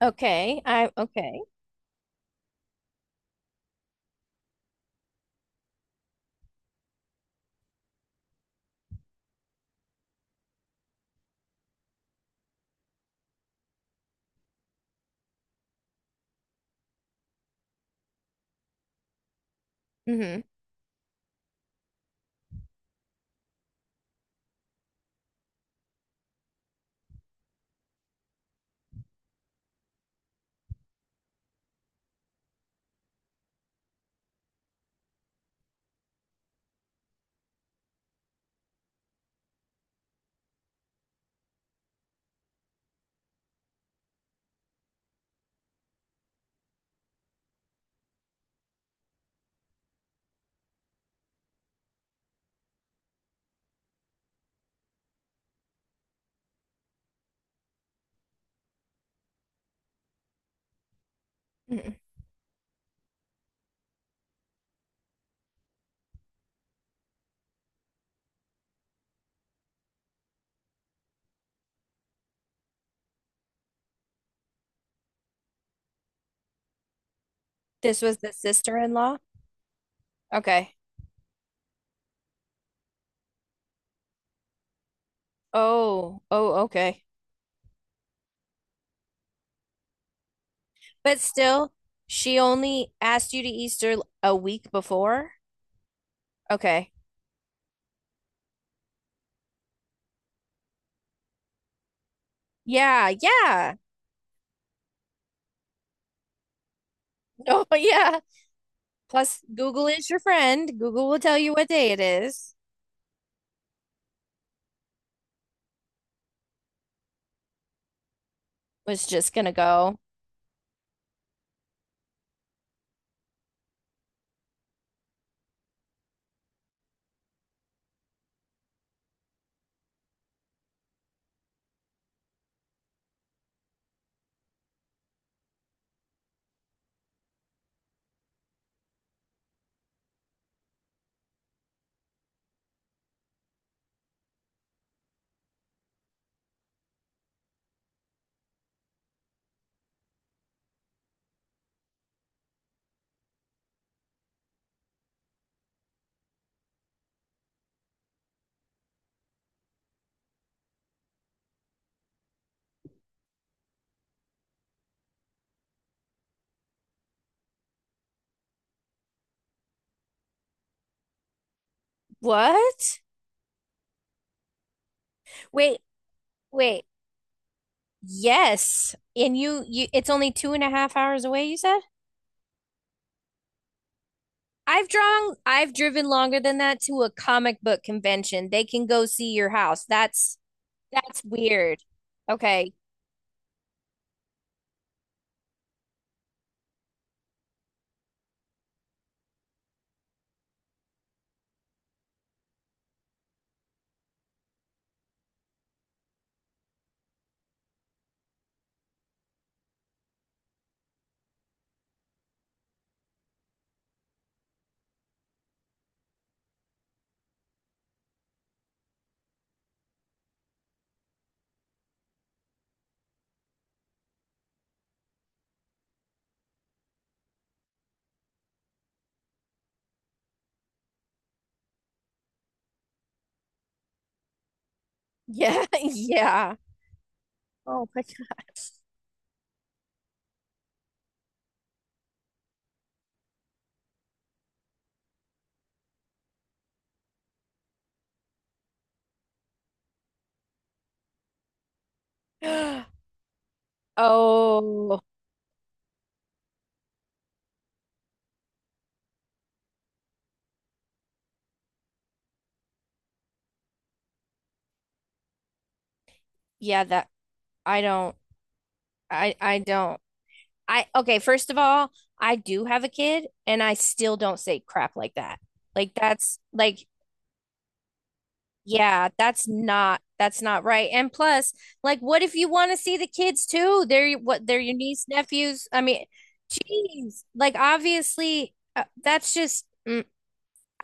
Okay. I okay. Mm-hmm. hmm This was the sister-in-law? Okay. Oh, okay. But still, she only asked you to Easter a week before? Okay. Yeah, yeah. Oh, yeah. Plus, Google is your friend. Google will tell you what day it is. Was just gonna go, what? Wait, wait. Yes. And you, it's only 2.5 hours away, you said? I've driven longer than that to a comic book convention. They can go see your house. That's weird. Okay. Yeah. Yeah. Oh my gosh. Oh, yeah, that I don't I don't. I Okay, first of all, I do have a kid and I still don't say crap like that. Like that's like Yeah, that's not right. And plus, like, what if you want to see the kids too? They're your niece, nephews. I mean, geez, like obviously, that's just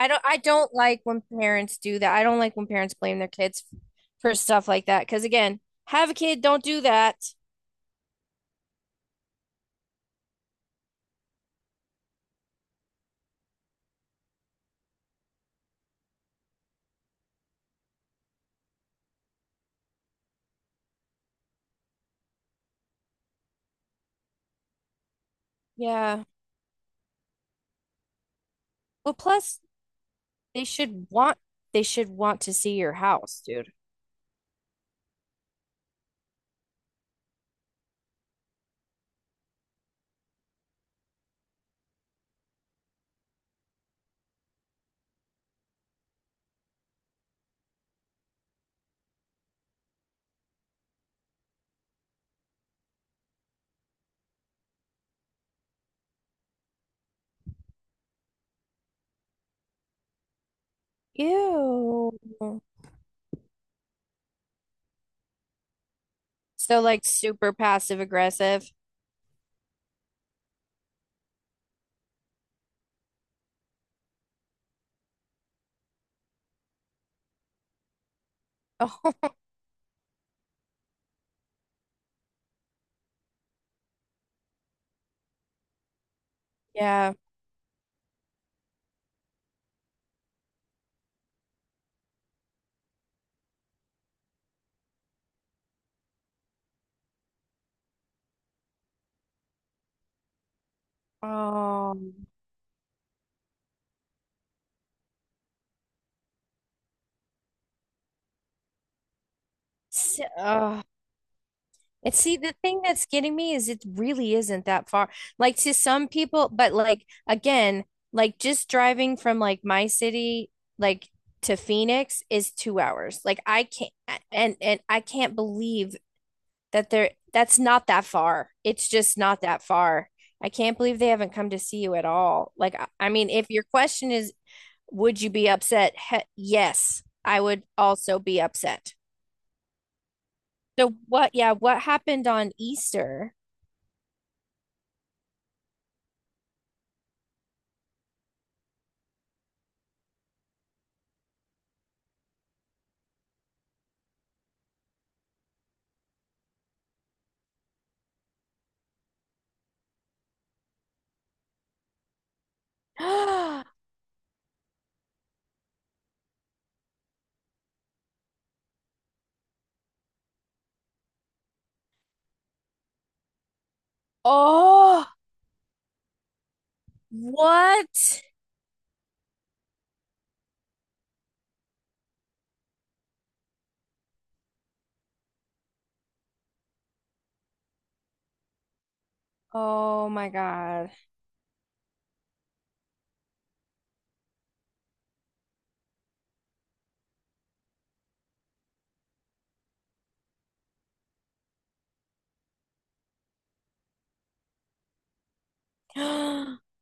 I don't like when parents do that. I don't like when parents blame their kids for stuff like that. Because again, have a kid, don't do that. Yeah. Well, plus they should want they should want to see your house, dude. Ew. So like super passive aggressive. Oh, yeah. Um, so, uh, and see, the thing that's getting me is it really isn't that far. Like to some people, but like again, like just driving from like my city, like to Phoenix is 2 hours. Like I can't, and I can't believe that's not that far. It's just not that far. I can't believe they haven't come to see you at all. I mean, if your question is, would you be upset? He yes, I would also be upset. So what, yeah, what happened on Easter? Oh, what? Oh my God.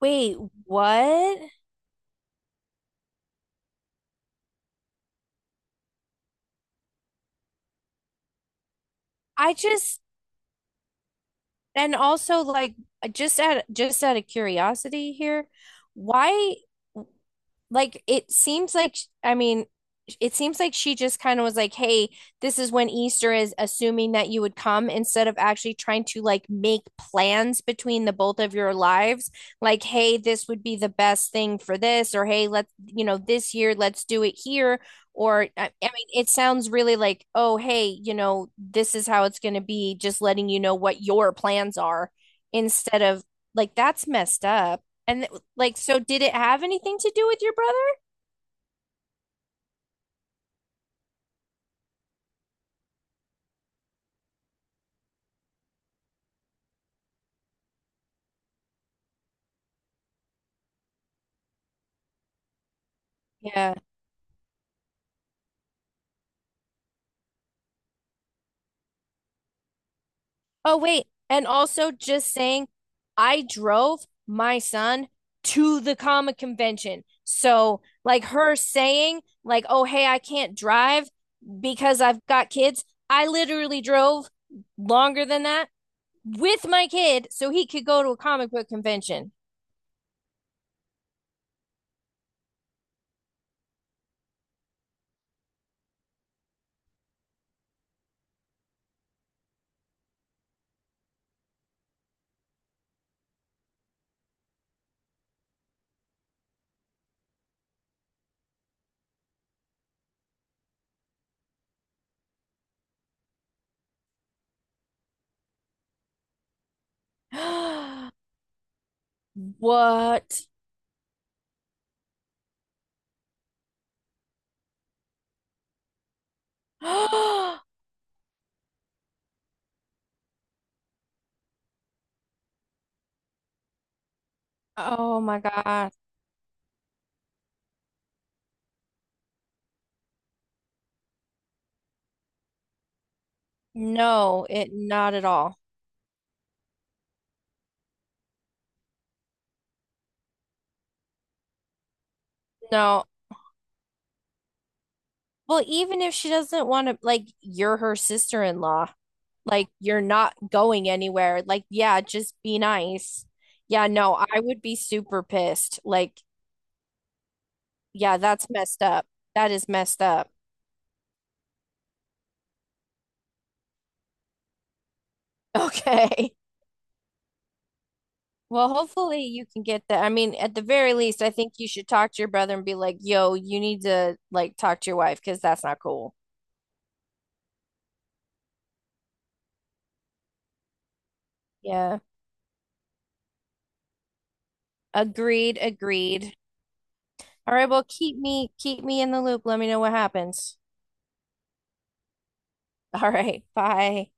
Wait, what? I just and also like just out of curiosity here, why like it seems like I mean, it seems like she just kind of was like, "Hey, this is when Easter is," assuming that you would come instead of actually trying to like make plans between the both of your lives. Like, "Hey, this would be the best thing for this," or "Hey, let's, you know, this year let's do it here." Or I mean, it sounds really like, "Oh, hey, you know, this is how it's going to be," just letting you know what your plans are instead of like that's messed up. And like, so did it have anything to do with your brother? Yeah. Oh, wait. And also just saying, I drove my son to the comic convention. So, like, her saying, like, oh, hey, I can't drive because I've got kids. I literally drove longer than that with my kid so he could go to a comic book convention. What? Oh my God. No, it not at all. No, well, even if she doesn't want to, like, you're her sister-in-law. Like, you're not going anywhere. Like, yeah, just be nice. Yeah, no, I would be super pissed. Like, yeah, that's messed up. That is messed up. Okay. Well, hopefully you can get that. I mean, at the very least, I think you should talk to your brother and be like, yo, you need to, like, talk to your wife because that's not cool. Yeah. Agreed. Agreed. All right. Well, keep me in the loop. Let me know what happens. All right. Bye.